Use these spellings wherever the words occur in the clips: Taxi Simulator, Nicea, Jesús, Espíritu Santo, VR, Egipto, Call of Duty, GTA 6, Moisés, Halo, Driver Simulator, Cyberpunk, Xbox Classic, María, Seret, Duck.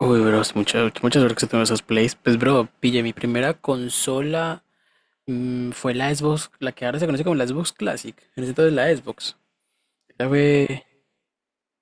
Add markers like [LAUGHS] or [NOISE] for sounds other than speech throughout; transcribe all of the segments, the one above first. Uy, bro, es mucha suerte que tengo esos plays. Pues, bro, pille, mi primera consola fue la Xbox, la que ahora se conoce como la Xbox Classic. En ese entonces la Xbox. La fue,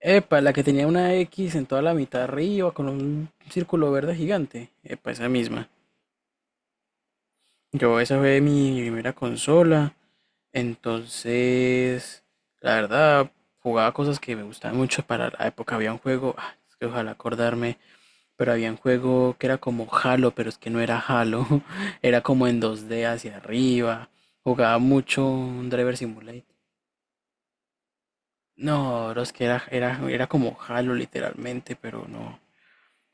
epa, la que tenía una X en toda la mitad arriba con un círculo verde gigante. Epa, esa misma. Yo, esa fue mi primera consola. Entonces, la verdad, jugaba cosas que me gustaban mucho para la época. Había un juego, es que ojalá acordarme. Pero había un juego que era como Halo, pero es que no era Halo, [LAUGHS] era como en 2D hacia arriba. Jugaba mucho un Driver Simulator. No, bro, es que era como Halo literalmente, pero no,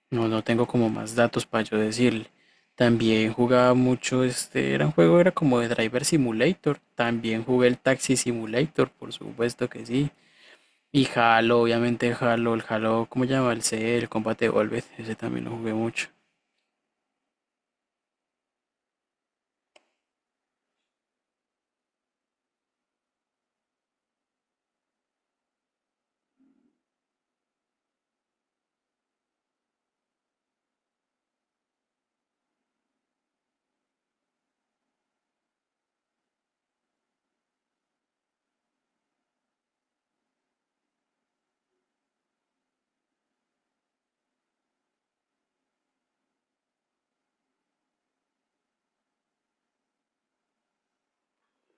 no, no tengo como más datos para yo decirle. También jugaba mucho, este, era un juego, era como de Driver Simulator. También jugué el Taxi Simulator, por supuesto que sí. Y Halo, obviamente Halo, el Halo, ¿cómo se llama? El Combat Evolved, ese también lo jugué mucho.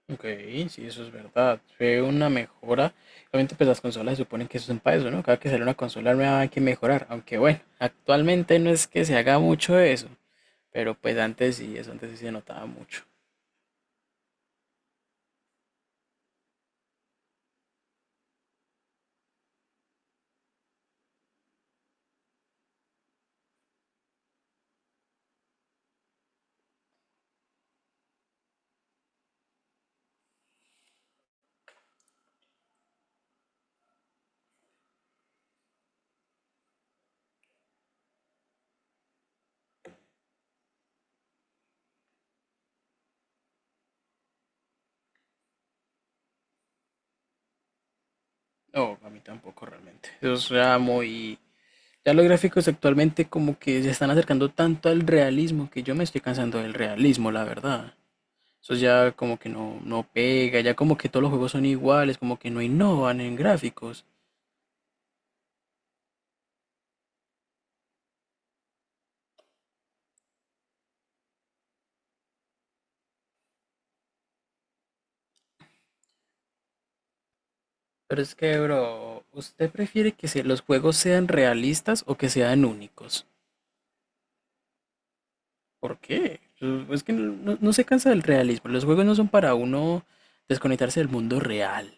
Ok, sí, eso es verdad. Fue una mejora. Obviamente, pues las consolas se suponen que eso es para eso, ¿no? Cada que sale una consola nueva hay que mejorar. Aunque bueno, actualmente no es que se haga mucho eso. Pero pues antes sí, eso antes sí se notaba mucho. No, a mí tampoco realmente. Ya los gráficos actualmente como que se están acercando tanto al realismo que yo me estoy cansando del realismo, la verdad. Eso ya como que no pega, ya como que todos los juegos son iguales, como que no innovan en gráficos. Pero es que, bro, ¿usted prefiere los juegos sean realistas o que sean únicos? ¿Por qué? Es que no se cansa del realismo. Los juegos no son para uno desconectarse del mundo real.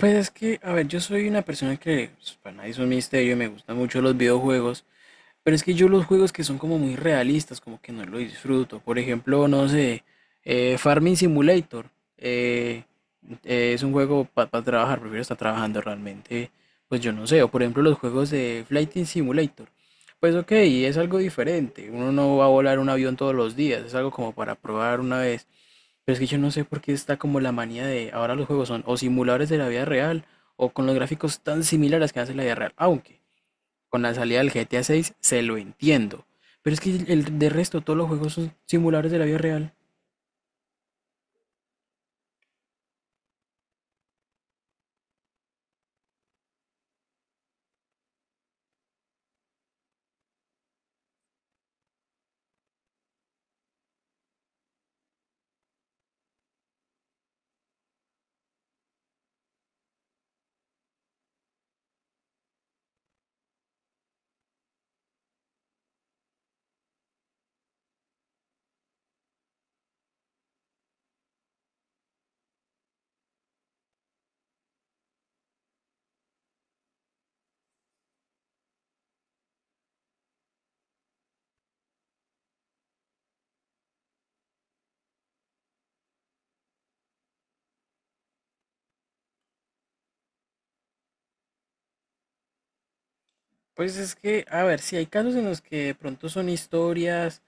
Pues es que, a ver, yo soy una persona que pues, para nadie es un misterio, me gustan mucho los videojuegos. Pero es que yo los juegos que son como muy realistas, como que no lo disfruto. Por ejemplo, no sé, Farming Simulator. eh, es un juego para trabajar, prefiero estar trabajando realmente. Pues yo no sé. O por ejemplo, los juegos de Flight Simulator. Pues ok, es algo diferente. Uno no va a volar un avión todos los días. Es algo como para probar una vez. Pero es que yo no sé por qué está como la manía de ahora los juegos son o simuladores de la vida real o con los gráficos tan similares que hacen la vida real. Aunque con la salida del GTA 6 se lo entiendo. Pero es que de resto todos los juegos son simuladores de la vida real. Pues es que, a ver, si hay casos en los que de pronto son historias,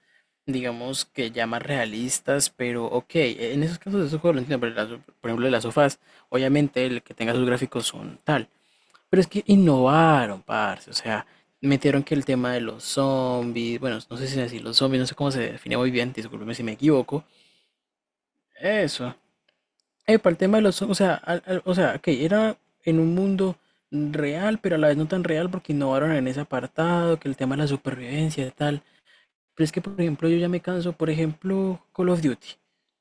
digamos que ya más realistas, pero ok, en esos casos de esos juegos lo entiendo, pero por ejemplo de las sofás, obviamente el que tenga sus gráficos son tal. Pero es que innovaron, parce, o sea, metieron que el tema de los zombies, bueno, no sé si decir los zombies, no sé cómo se define muy bien, discúlpeme si me equivoco. Eso. Para el tema de los, o sea, o sea, que era en un mundo real, pero a la vez no tan real porque innovaron en ese apartado, que el tema de la supervivencia y tal. Pero es que, por ejemplo, yo ya me canso, por ejemplo, Call of Duty.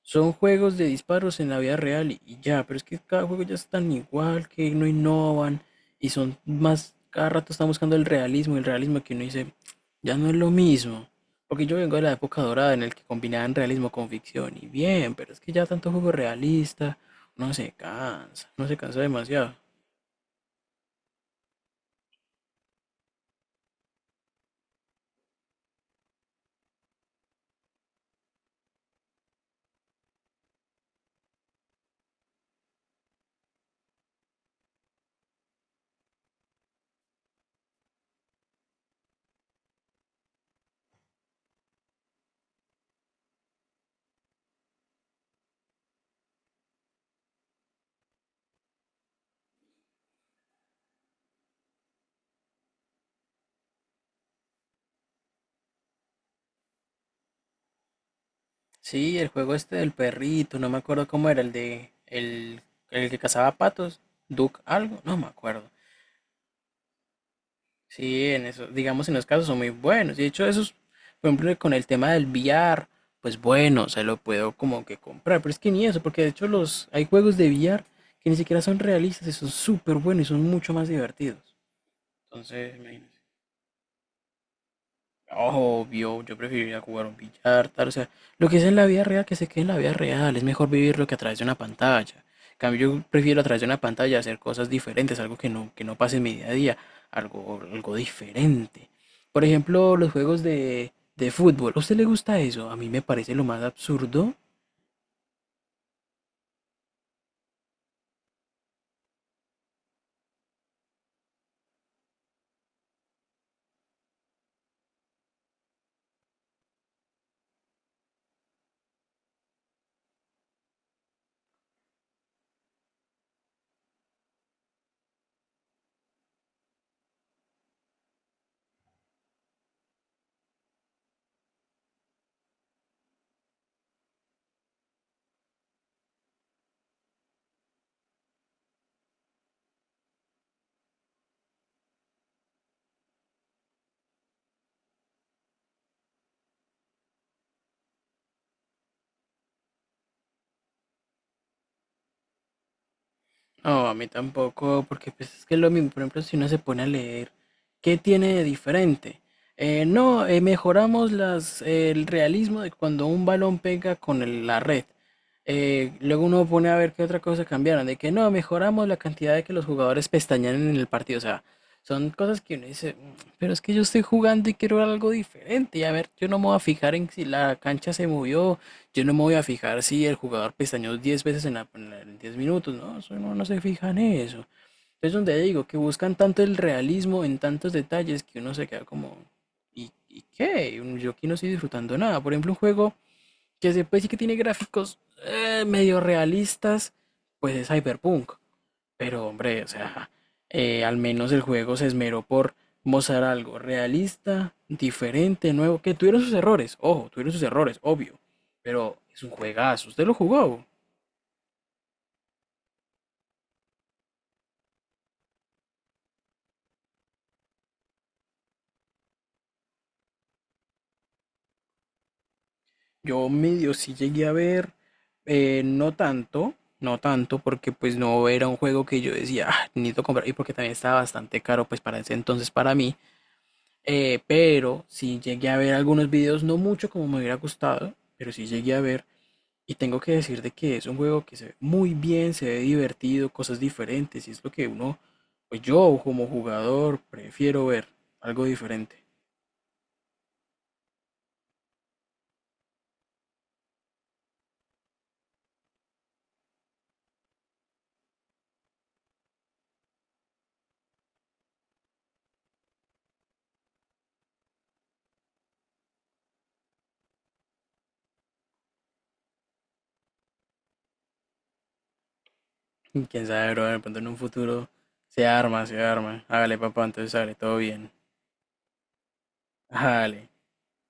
Son juegos de disparos en la vida real y ya, pero es que cada juego ya es tan igual, que no innovan y son más, cada rato están buscando el realismo que uno dice, ya no es lo mismo. Porque yo vengo de la época dorada en el que combinaban realismo con ficción y bien, pero es que ya tanto juego realista, uno se cansa demasiado. Sí, el juego este del perrito, no me acuerdo cómo era, el que cazaba patos, Duck algo, no me acuerdo. Sí, en eso, digamos en los casos son muy buenos. Y de hecho, esos, por ejemplo, con el tema del VR, pues bueno, se lo puedo como que comprar. Pero es que ni eso, porque de hecho los hay juegos de VR que ni siquiera son realistas y son súper buenos y son mucho más divertidos. Entonces, imagínate. Obvio, yo preferiría jugar un billar, tal, o sea, lo que es en la vida real, que se quede en la vida real, es mejor vivirlo que a través de una pantalla. En cambio, yo prefiero a través de una pantalla hacer cosas diferentes, algo que que no pase en mi día a día, algo diferente. Por ejemplo, los juegos de fútbol, ¿a usted le gusta eso? A mí me parece lo más absurdo. No, a mí tampoco, porque pues es que es lo mismo, por ejemplo, si uno se pone a leer, ¿qué tiene de diferente? No, mejoramos el realismo de cuando un balón pega con la red. Luego uno pone a ver qué otra cosa cambiaron, de que no, mejoramos la cantidad de que los jugadores pestañean en el partido. O sea, son cosas que uno dice, "Mm, pero es que yo estoy jugando y quiero ver algo diferente". Y a ver, yo no me voy a fijar en si la cancha se movió, yo no me voy a fijar si el jugador pestañeó 10 veces en 10 minutos, ¿no? Eso no, no se fija en eso. Es donde digo que buscan tanto el realismo en tantos detalles que uno se queda como, ¿y qué? Yo aquí no estoy disfrutando nada. Por ejemplo, un juego que se puede decir que tiene gráficos medio realistas, pues es Cyberpunk. Pero hombre, o sea, al menos el juego se esmeró por mostrar algo realista, diferente, nuevo, que tuvieron sus errores, ojo, tuvieron sus errores, obvio, pero es un juegazo, usted lo jugó. Yo medio sí llegué a ver, eh, no tanto, no tanto, porque pues no era un juego que yo decía, "Ah, necesito comprar", y porque también estaba bastante caro, pues para ese entonces para mí, pero sí llegué a ver algunos videos, no mucho como me hubiera gustado, pero sí llegué a ver. Y tengo que decir de que es un juego que se ve muy bien, se ve divertido, cosas diferentes, y es lo que uno, pues yo como jugador prefiero ver algo diferente. Y quién sabe, bro, de pronto en un futuro se arma. Hágale, papá, entonces sale todo bien. Hágale.